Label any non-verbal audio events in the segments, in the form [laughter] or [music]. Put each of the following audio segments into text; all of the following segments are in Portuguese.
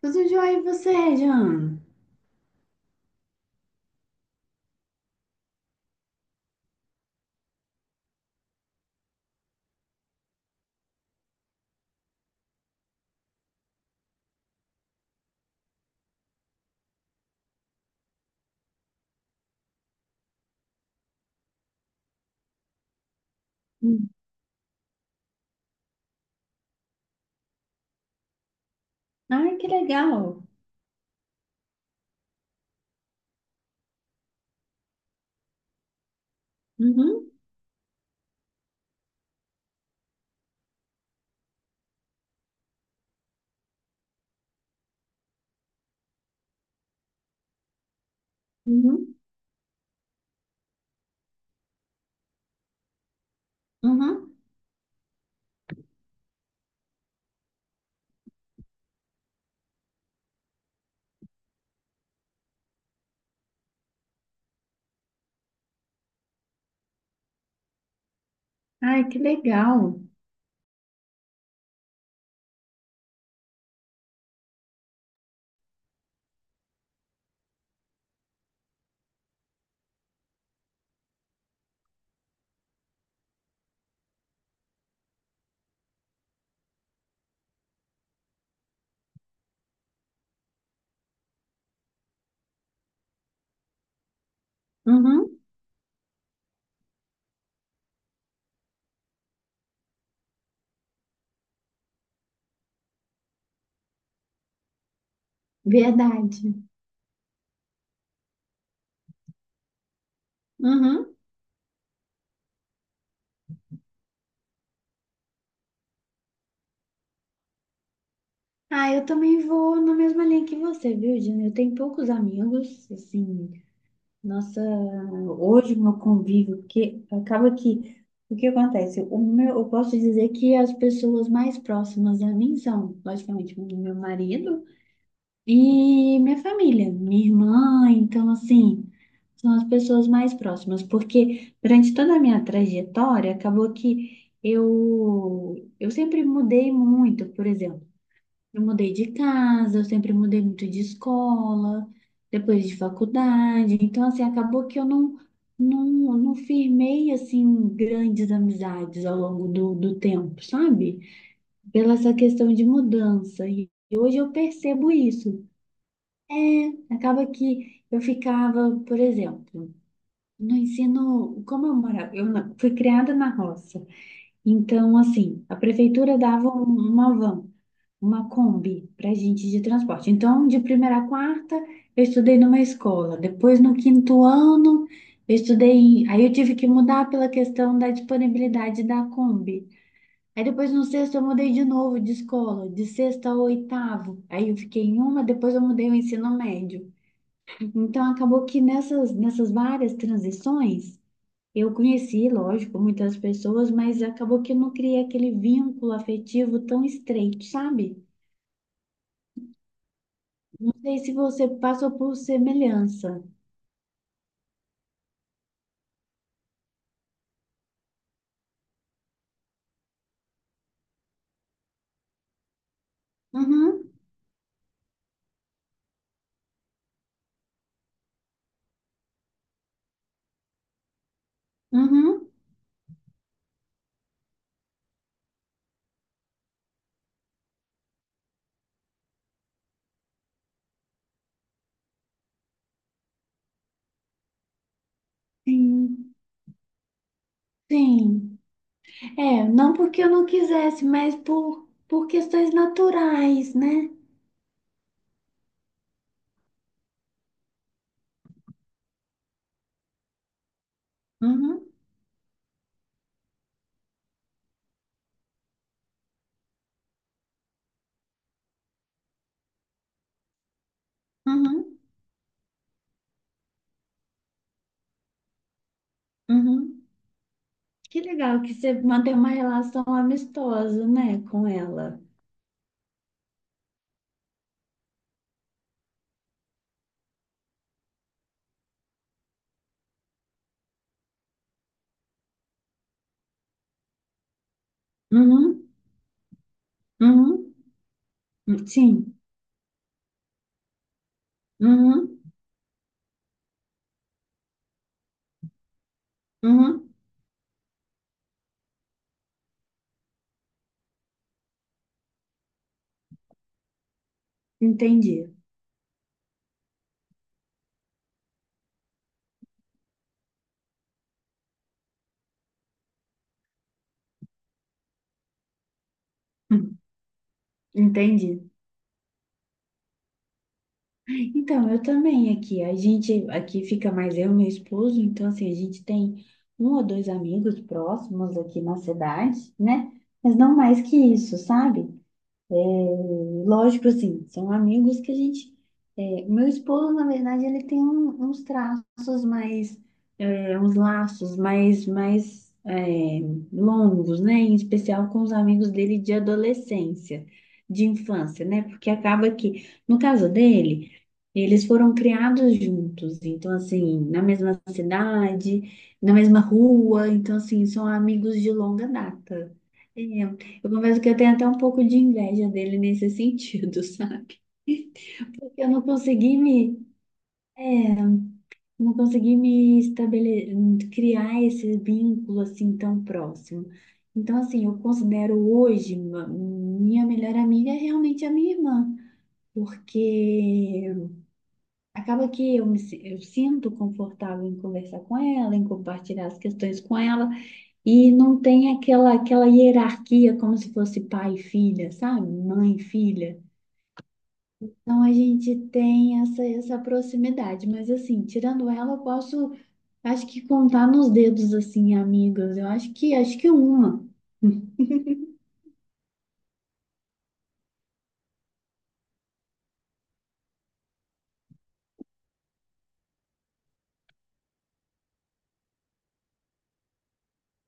Tudo jóia e você, Jean? Hum. Ai, que legal. Uhum, uhum, uhum. Ai, que legal. Uhum, verdade. Uhum. Ah, eu também vou na mesma linha que você, viu, Jean? Eu tenho poucos amigos, assim, nossa, hoje o meu convívio, porque acaba que, o que acontece? O meu, eu posso dizer que as pessoas mais próximas a mim são, logicamente, o meu marido, e minha família, minha irmã, então assim, são as pessoas mais próximas, porque durante toda a minha trajetória, acabou que eu sempre mudei muito, por exemplo, eu mudei de casa, eu sempre mudei muito de escola, depois de faculdade, então assim, acabou que eu não firmei assim grandes amizades ao longo do tempo, sabe? Pela essa questão de mudança. E hoje eu percebo isso. É, acaba que eu ficava, por exemplo, no ensino, como eu morava, eu fui criada na roça. Então, assim, a prefeitura dava uma van, uma Kombi para gente de transporte. Então, de primeira a quarta, eu estudei numa escola. Depois, no quinto ano, eu estudei, aí, eu tive que mudar pela questão da disponibilidade da Kombi. Aí, depois, no sexto, eu mudei de novo de escola, de sexta a oitavo. Aí, eu fiquei em uma, depois, eu mudei o ensino médio. Então, acabou que nessas várias transições, eu conheci, lógico, muitas pessoas, mas acabou que eu não criei aquele vínculo afetivo tão estreito, sabe? Não sei se você passou por semelhança. Uhum, uhum, sim, sim. É, não porque eu não quisesse, mas por questões naturais, né? Uhum, uhum, uhum. Que legal que você mantém uma relação amistosa, né, com ela. Uhum, uhum. Sim. Uhum, uhum, entendi. [laughs] Hum. Entendi. Então, eu também aqui. A gente aqui fica mais eu e meu esposo, então assim, a gente tem um ou dois amigos próximos aqui na cidade, né? Mas não mais que isso, sabe? É, lógico, assim, são amigos que a gente. É, meu esposo, na verdade, ele tem uns traços mais, é, uns laços mais, longos, né? Em especial com os amigos dele de adolescência, de infância, né? Porque acaba que, no caso dele, eles foram criados juntos, então, assim, na mesma cidade, na mesma rua, então, assim, são amigos de longa data. É, eu confesso que eu tenho até um pouco de inveja dele nesse sentido, [laughs] sabe? Eu não consegui me, é, não consegui me estabelecer, criar esse vínculo assim tão próximo. Então, assim, eu considero hoje minha melhor amiga é realmente a minha irmã, porque acaba que eu sinto confortável em conversar com ela, em compartilhar as questões com ela, e não tem aquela, hierarquia como se fosse pai e filha, sabe? Mãe e filha. Então a gente tem essa proximidade, mas assim, tirando ela, eu posso, acho que contar nos dedos, assim, amigas. Eu acho que uma.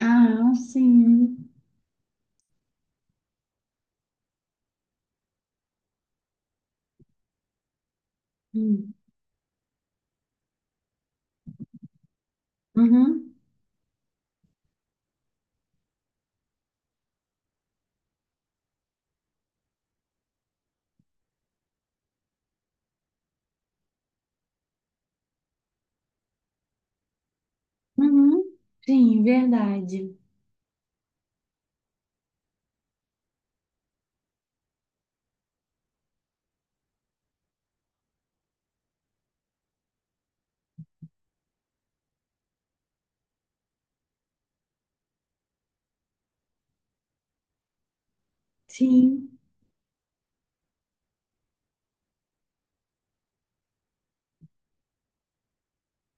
Ah, um sim. Hum. Uhum, uhum. Sim, verdade. Sim.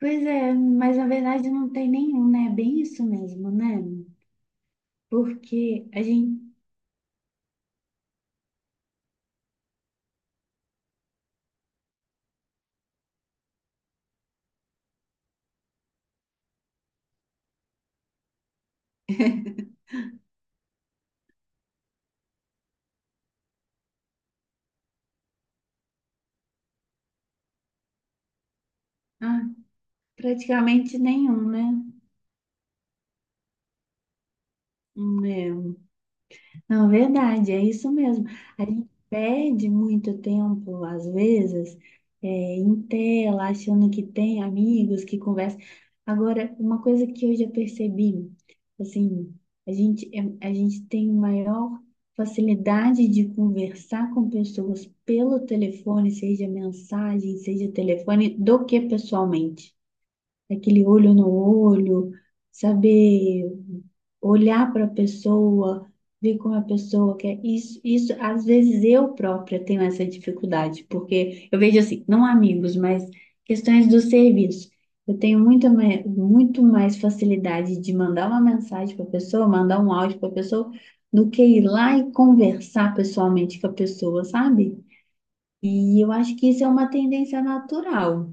Pois é, mas na verdade não tem nenhum, né? É bem isso mesmo, né? Porque a gente, ah, praticamente nenhum, né? É. Não, verdade, é isso mesmo. A gente perde muito tempo, às vezes, é, em tela, achando que tem amigos que conversam. Agora, uma coisa que eu já percebi, assim, a gente tem maior facilidade de conversar com pessoas pelo telefone, seja mensagem, seja telefone, do que pessoalmente aquele olho no olho, saber olhar para a pessoa, ver como a pessoa quer. Isso, às vezes eu própria tenho essa dificuldade, porque eu vejo assim, não amigos, mas questões do serviço. Eu tenho muito mais facilidade de mandar uma mensagem para a pessoa, mandar um áudio para a pessoa, do que ir lá e conversar pessoalmente com a pessoa, sabe? E eu acho que isso é uma tendência natural.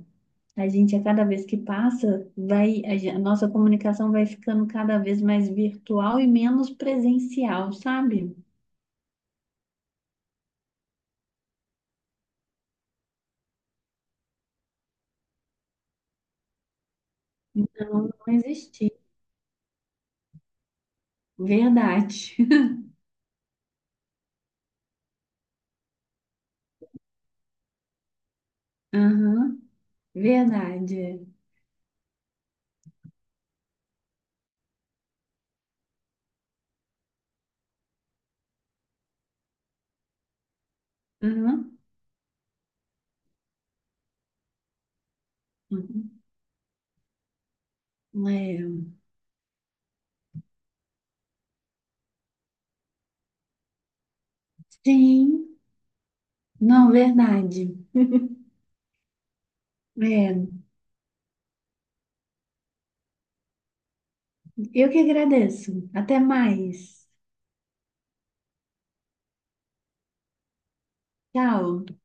A gente, a cada vez que passa, vai, a nossa comunicação vai ficando cada vez mais virtual e menos presencial, sabe? Não existir. Verdade. [laughs] Aham. Verdade. Aham, uhum. É. Sim, não, verdade. [laughs] É, eu que agradeço. Até mais. Tchau.